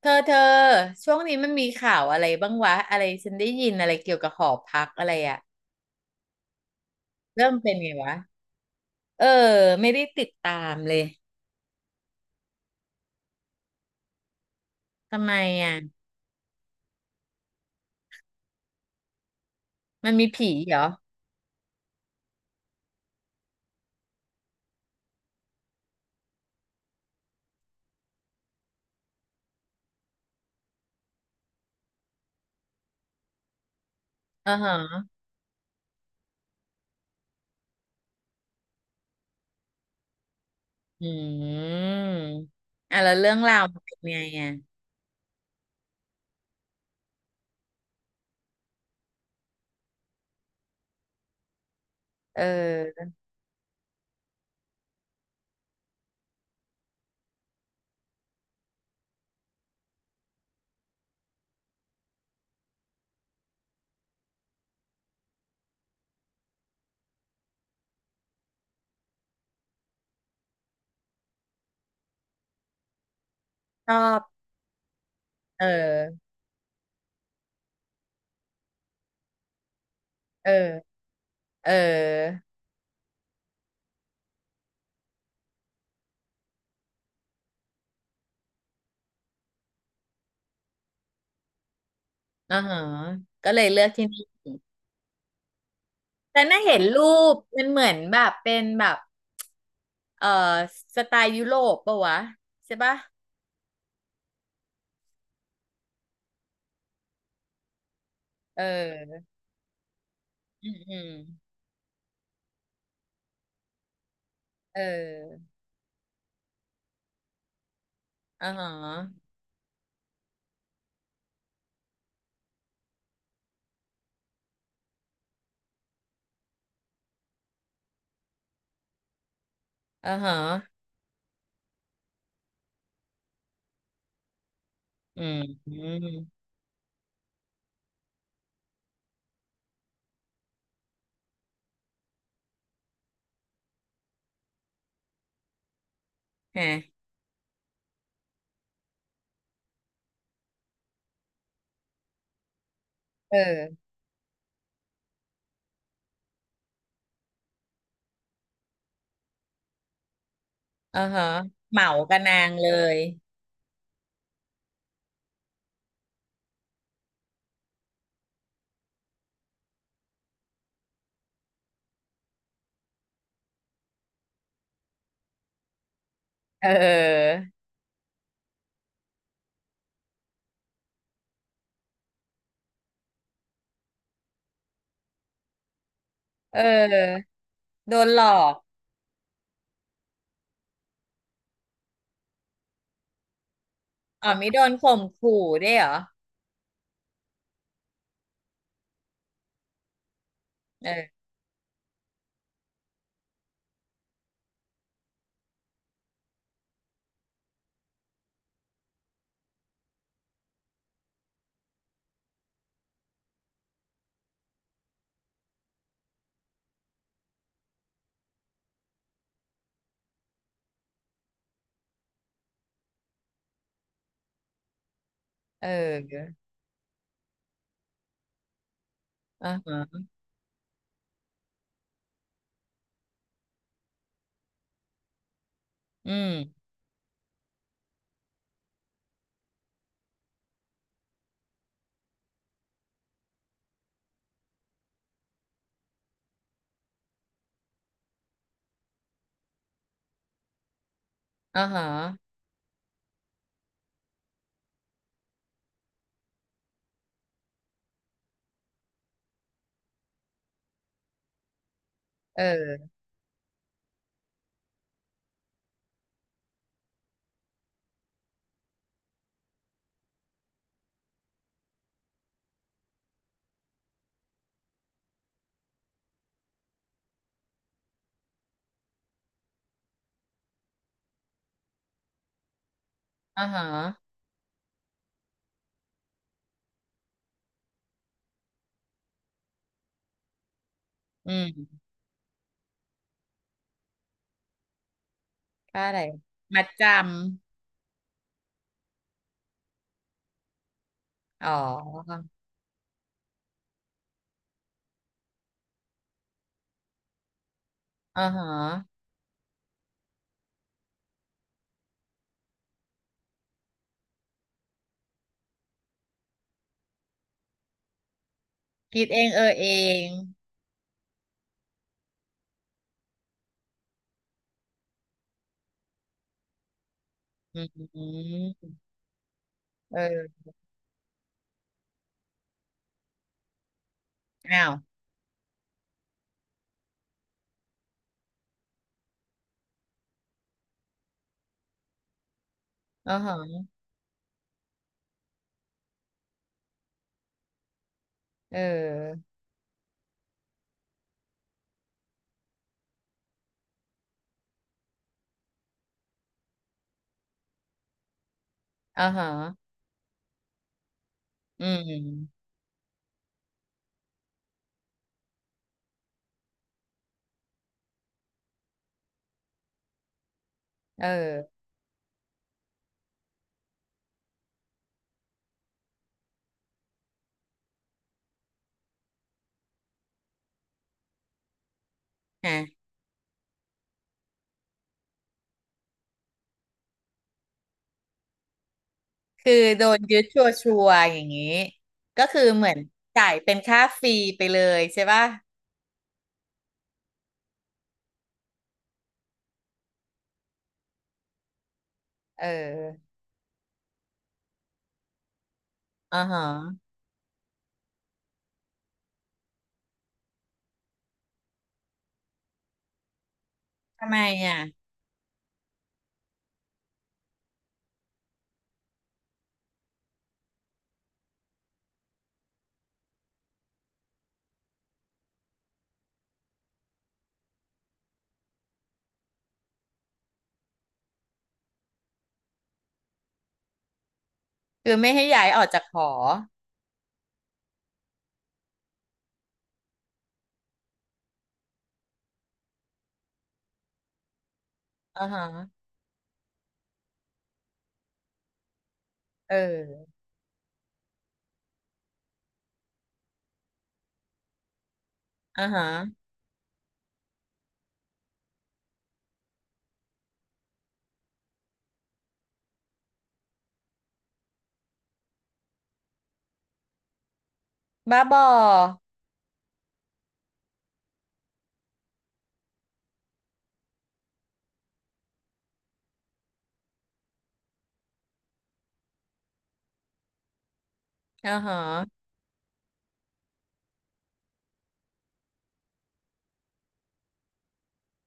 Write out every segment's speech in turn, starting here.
เธอช่วงนี้มันมีข่าวอะไรบ้างวะอะไรฉันได้ยินอะไรเกี่ยวกับหอพักอะไรอะเริ่มเป็นไงวะเออไม่ได้ติดตามเลยทำไมอะมันมีผีเหรออ่าฮะอืมอ่ะแล้วเรื่องราวมันเป็นไงอะเออชอบเออเออเอออ่าฮะก็เลยเลือกที่นี่แต่น่าเห็นรูปมันเหมือนแบบเป็นแบบเออสไตล์ยุโรปปะวะใช่ปะเอออืมอืม เอออ่าฮะอ่าฮะอืมฮะเอออ่าฮะเหมากับนางเลย เออ เออ โดนหลอกอ๋อม่โดนข่มขู่ด้วยเหรอเออ เอออ่าฮะอืมอ่าฮะเอออ่าฮะอืมค่าอะไรมัดจำอ๋ออ่าฮะคิดเองเออเองอืมเอออ้าวอ่าฮะเอออ่าฮะ อืมเออฮะคือโดนยึดชัวร์ๆอย่างนี้ ก็คือเหมือนจ่ายเป็นค่าฟรีไปเลยใช่ป่ะเอออ๋อฮะทำไมอ่ะคือไม่ให้ย้ายออกจากหออ๋อฮะเอออ๋อฮะบ้าบออ๋อฮะ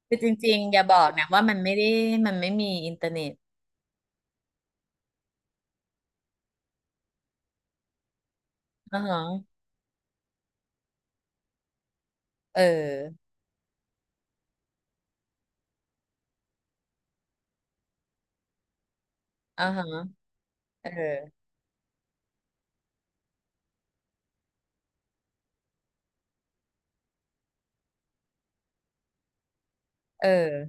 คือจริงๆอย่าบอกนะว่ามันไม่ได้มันไม่มีอินเทอร์เน็ตอ๋อฮะเอออ๋อฮะเออเออ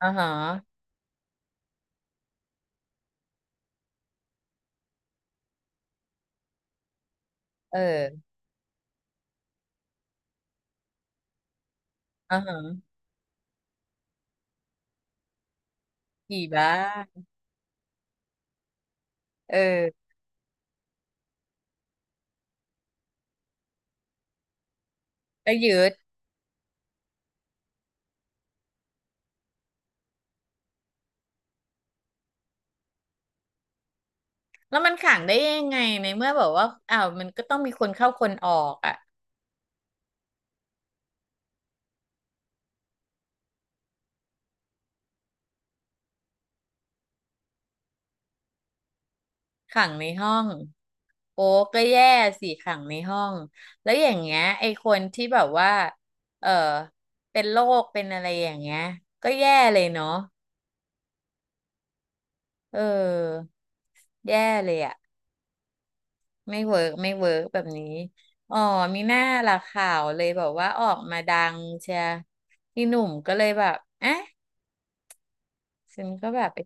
อ๋อฮะเอออ๋อฮะอีบ้าเออก็ยืด แล้วมันขังได้ยังไงในเมื่อแบบว่าอ้าวมันก็ต้องมีคนเข้าคนออกอ่ะขังในห้องโอ้ก็แย่สิขังในห้องแล้วอย่างเงี้ยไอ้คนที่แบบว่าเออเป็นโรคเป็นอะไรอย่างเงี้ยก็แย่เลยเนาะเออแย่เลยอ่ะไม่เวิร์กแบบนี้อ๋อมีหน้าละข่าวเลยแบบว่าออกมาดังเชียพี่หนุ่มก็เลยแบบเอ๊ะฉันก็แบบไป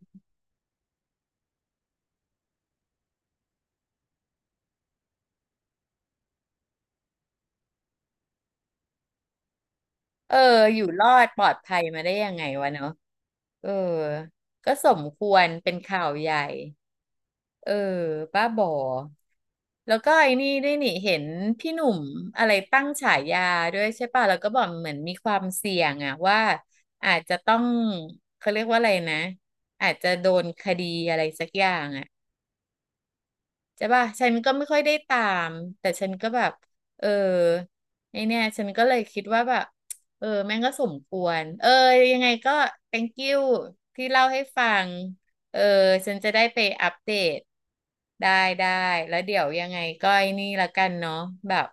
เอออยู่รอดปลอดภัยมาได้ยังไงวะเนาะเออก็สมควรเป็นข่าวใหญ่เออป้าบอแล้วก็ไอ้นี่ด้วยนี่เห็นพี่หนุ่มอะไรตั้งฉายาด้วยใช่ป่ะแล้วก็บอกเหมือนมีความเสี่ยงอะว่าอาจจะต้องเขาเรียกว่าอะไรนะอาจจะโดนคดีอะไรสักอย่างอะ ใช่ป่ะฉันก็ไม่ค่อยได้ตาม แต่ฉันก็แบบเออไอเนี่ยฉันก็เลยคิดว่าแบบเออ แม่งก็สมควรเออยังไงก็ thank you ที่เล่าให้ฟัง เออ ฉันจะได้ไปอัปเดตได้ได้แล้วเดี๋ยวยังไงก็ไอ้นี่ละกันเนาะแบบ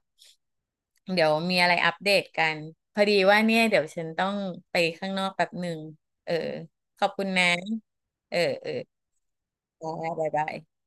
เดี๋ยวมีอะไรอัปเดตกัน พอดีว่าเนี่ยเดี๋ยวฉันต้องไปข้างนอกแป๊บหนึ่ง เออ ขอบคุณนะ เออ เออได้บ๊ายบาย